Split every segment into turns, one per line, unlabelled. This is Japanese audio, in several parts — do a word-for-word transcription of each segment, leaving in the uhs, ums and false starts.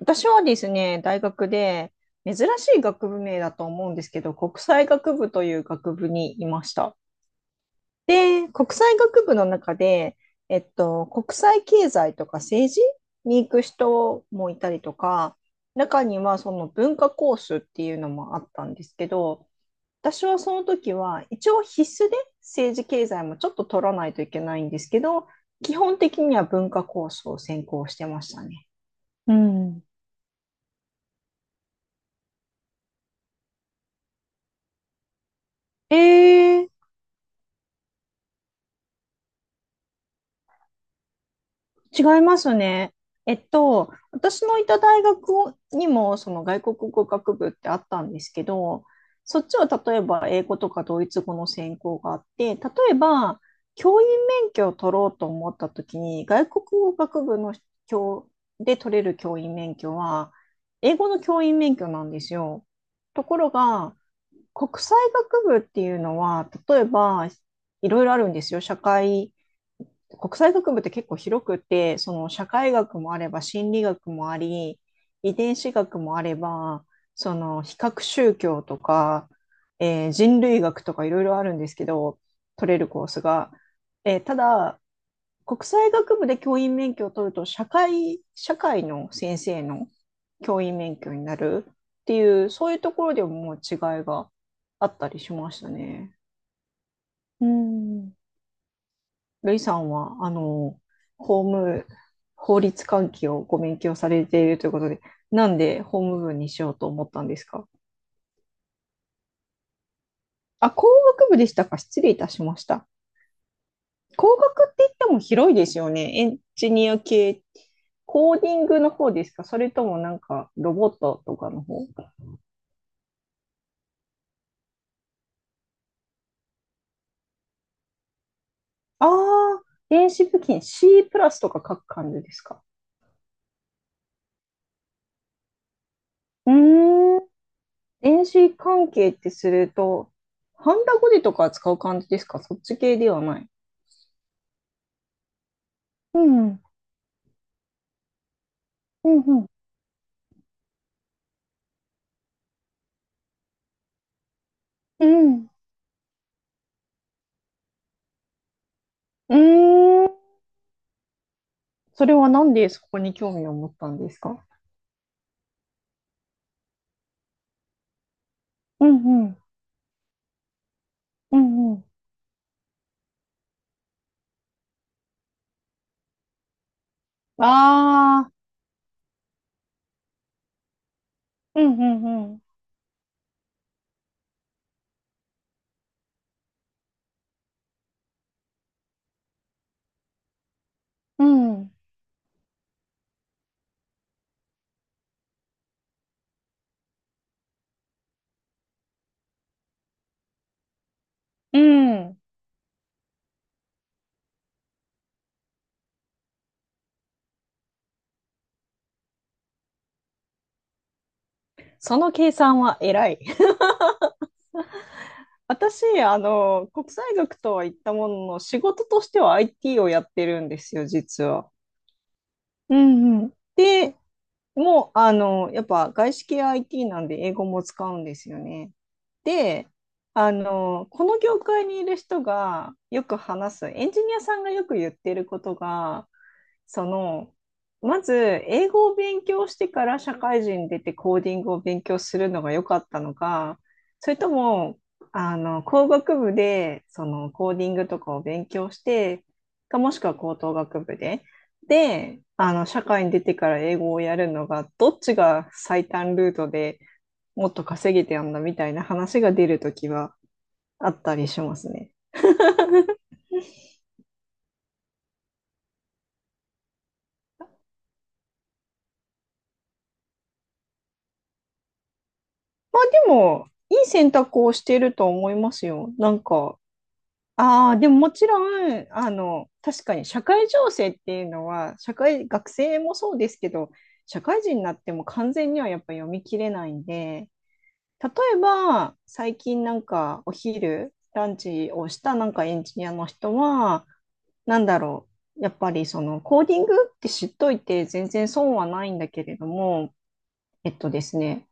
私はですね、大学で珍しい学部名だと思うんですけど、国際学部という学部にいました。で、国際学部の中で、えっと、国際経済とか政治に行く人もいたりとか、中にはその文化コースっていうのもあったんですけど、私はその時は一応必須で政治経済もちょっと取らないといけないんですけど、基本的には文化コースを専攻してましたね。うん。えー違いますね。えっと、私のいた大学にもその外国語学部ってあったんですけど、そっちは例えば英語とかドイツ語の専攻があって、例えば教員免許を取ろうと思った時に、外国語学部の教で取れる教員免許は、英語の教員免許なんですよ。ところが、国際学部っていうのは、例えばいろいろあるんですよ。社会国際学部って結構広くて、その社会学もあれば心理学もあり、遺伝子学もあれば、その比較宗教とか、えー人類学とかいろいろあるんですけど、取れるコースが。えーただ、国際学部で教員免許を取ると、社会、社会の先生の教員免許になるっていう、そういうところでももう違いがあったりしましたね。うん。ルイさんは、あの、法務、法律関係をご勉強されているということで、なんで法務部にしようと思ったんですか？あ、工学部でしたか？失礼いたしました。工学って言っても広いですよね。エンジニア系、コーディングの方ですか？それともなんかロボットとかの方？ああ、電子部品 C プラスとか書く感じですか？うーん、電子関係ってすると、ハンダゴテとか使う感じですか？そっち系ではない。うん、うん、うん、うん、うーん。それはなんでそこに興味を持ったんですか？うん、うん、うん、うん。ああ、うん、うん、うん、うん、うん。その計算は偉い。私、あの、国際学とは言ったものの、仕事としては アイティー をやってるんですよ、実は。うんうん。で、もう、あの、やっぱ外資系 アイティー なんで英語も使うんですよね。で、あの、この業界にいる人がよく話す、エンジニアさんがよく言ってることが、その、まず英語を勉強してから社会人出てコーディングを勉強するのが良かったのか、それとも、あの、工学部でそのコーディングとかを勉強して、かもしくは高等学部で、で、あの、社会に出てから英語をやるのが、どっちが最短ルートで、もっと稼げてやんだみたいな話が出るときはあったりしますね。まあでも、いい選択をしていると思いますよ。なんか、ああ、でももちろん、あの、確かに社会情勢っていうのは、社会、学生もそうですけど、社会人になっても完全にはやっぱ読み切れないんで、例えば、最近なんかお昼、ランチをしたなんかエンジニアの人は、なんだろう。やっぱりそのコーディングって知っといて全然損はないんだけれども、えっとですね、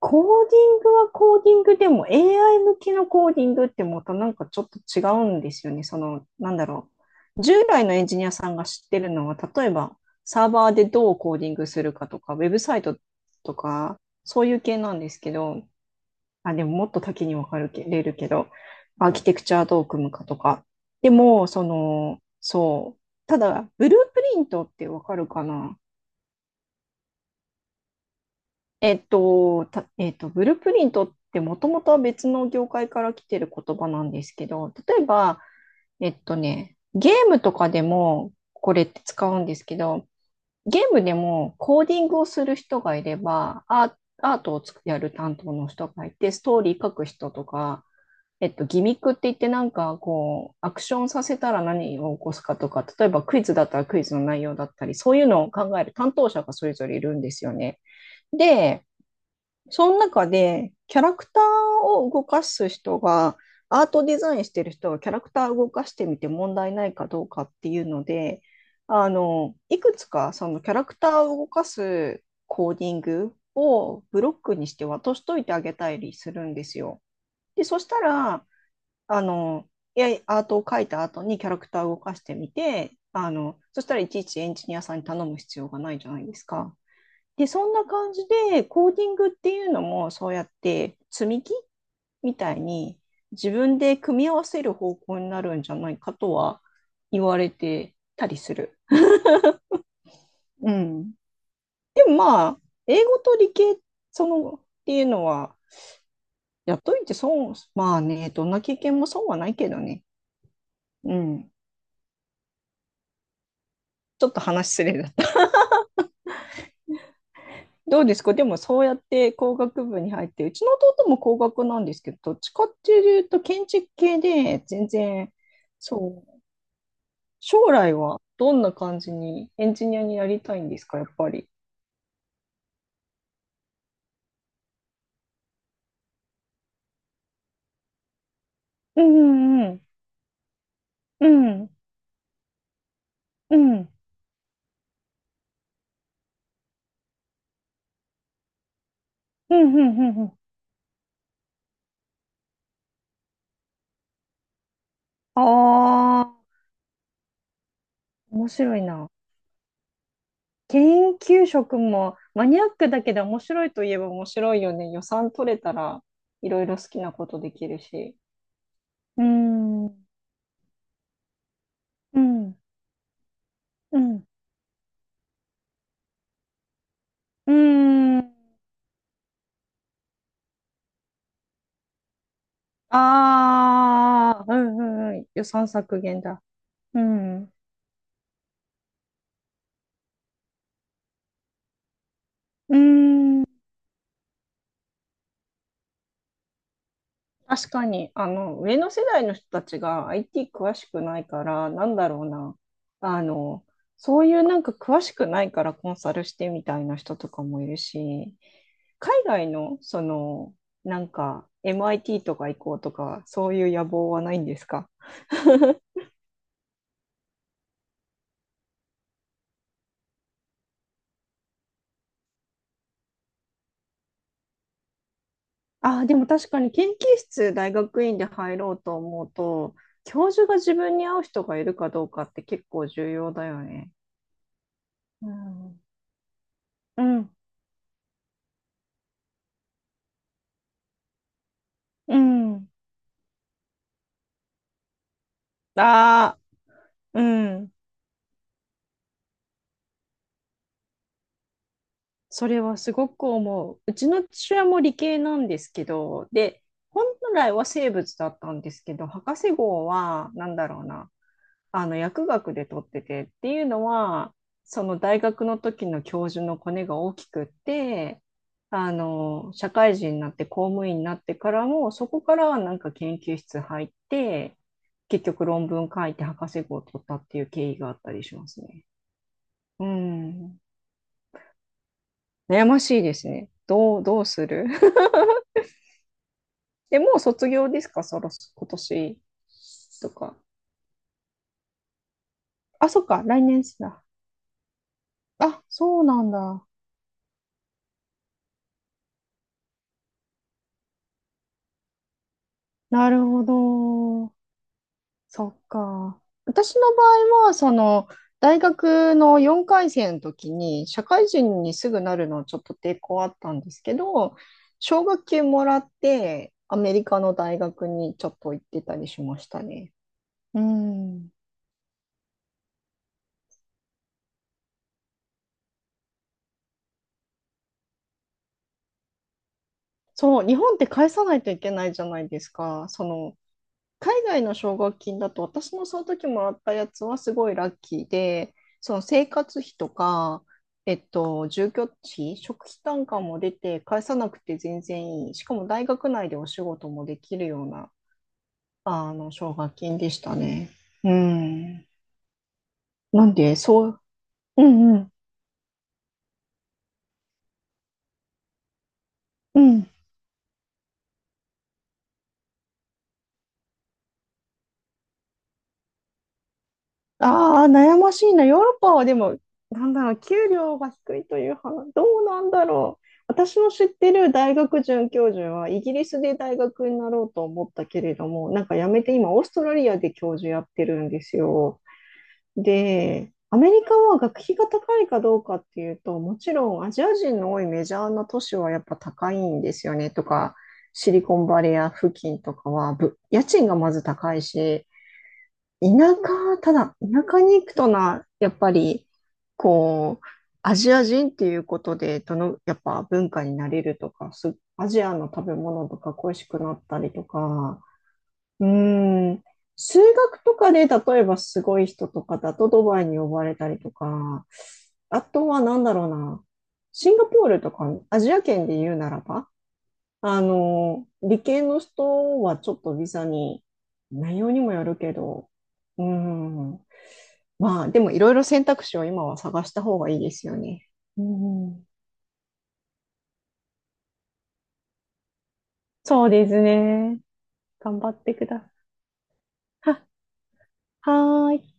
コーディングはコーディングでも エーアイ 向きのコーディングってまたなんかちょっと違うんですよね。その、なんだろう。従来のエンジニアさんが知ってるのは、例えばサーバーでどうコーディングするかとか、ウェブサイトとか、そういう系なんですけど、あ、でももっと多岐に分かれるけど、アーキテクチャどう組むかとか。でも、その、そう。ただ、ブループリントって分かるかな？えっと、た、えっと、ブループリントってもともとは別の業界から来てる言葉なんですけど、例えば、えっとね、ゲームとかでもこれって使うんですけど、ゲームでもコーディングをする人がいれば、アーアートをつくやる担当の人がいて、ストーリー書く人とか、えっと、ギミックって言ってなんかこう、アクションさせたら何を起こすかとか、例えばクイズだったらクイズの内容だったり、そういうのを考える担当者がそれぞれいるんですよね。で、その中でキャラクターを動かす人が、アートデザインしてる人がキャラクターを動かしてみて問題ないかどうかっていうので、あの、いくつかそのキャラクターを動かすコーディングをブロックにして渡しといてあげたりするんですよ。で、そしたら、あの、いや、アートを描いた後にキャラクターを動かしてみて、あの、そしたらいちいちエンジニアさんに頼む必要がないじゃないですか。で、そんな感じで、コーディングっていうのも、そうやって積み木みたいに自分で組み合わせる方向になるんじゃないかとは言われてたりする。うん。でもまあ、英語と理系、その、っていうのは、やっといて損、まあね、どんな経験も損はないけどね。うん。ちょっと話すれだ。どうですか？でもそうやって工学部に入って、うちの弟も工学なんですけど、どっちかっていうと建築系で全然、そう、将来はどんな感じにエンジニアになりたいんですか、やっぱり。うんうんうん。うんうん。うんうんうんうん。ああ、面白いな。研究職もマニアックだけど面白いといえば面白いよね。予算取れたらいろいろ好きなことできるし。うん。うん。うん。うーん。ああ、うんうんうん。予算削減だ。うん。うーん。確かに、あの、上の世代の人たちが アイティー 詳しくないから、なんだろうな。あの、そういうなんか詳しくないからコンサルしてみたいな人とかもいるし、海外の、その、なんか エムアイティー とか行こうとか、そういう野望はないんですか？あ、でも確かに研究室大学院で入ろうと思うと、教授が自分に合う人がいるかどうかって結構重要だよね。うん。うん、うん。ああ、うん。それはすごく思う。うちの父親も理系なんですけど、で、本来は生物だったんですけど、博士号は、なんだろうな。あの薬学で取っててっていうのはその大学の時の教授のコネが大きくって、あの社会人になって公務員になってからもそこからなんか研究室入って結局論文書いて博士号を取ったっていう経緯があったりしますね。うん。悩ましいですね。どう、どうする？ え、もう卒業ですか？そろそ、今年とか。あ、そっか、来年っすな。あ、そうなんだ。なるほど。そっか。私の場合は、その、大学のよんかい生の時に、社会人にすぐなるのはちょっと抵抗あったんですけど、奨学金もらって、アメリカの大学にちょっと行ってたりしましたね。うん。そう、日本って返さないといけないじゃないですか。その、海外の奨学金だと私のその時もらったやつはすごいラッキーで、その生活費とか、えっと、住居費、食費単価も出て返さなくて全然いい。しかも大学内でお仕事もできるような、あの、奨学金でしたね。うん。なんで、そう、うんうん。うん。ああ、悩ましいな。ヨーロッパはでも、なんだろう、給料が低いという話、どうなんだろう。私の知ってる大学准教授は、イギリスで大学になろうと思ったけれども、なんかやめて今、オーストラリアで教授やってるんですよ。で、アメリカは学費が高いかどうかっていうと、もちろんアジア人の多いメジャーな都市はやっぱ高いんですよね、とか、シリコンバレー付近とかは、ぶ家賃がまず高いし、田舎、ただ、田舎に行くとな、やっぱり、こう、アジア人っていうことで、どの、やっぱ文化になれるとか、す、アジアの食べ物とか恋しくなったりとか、うーん、数学とかで、例えばすごい人とかだとドバイに呼ばれたりとか、あとはなんだろうな、シンガポールとか、アジア圏で言うならば、あの、理系の人はちょっとビザに、内容にもよるけど、うん。まあ、でもいろいろ選択肢を今は探した方がいいですよね。うん。そうですね。頑張ってください。は、はーい。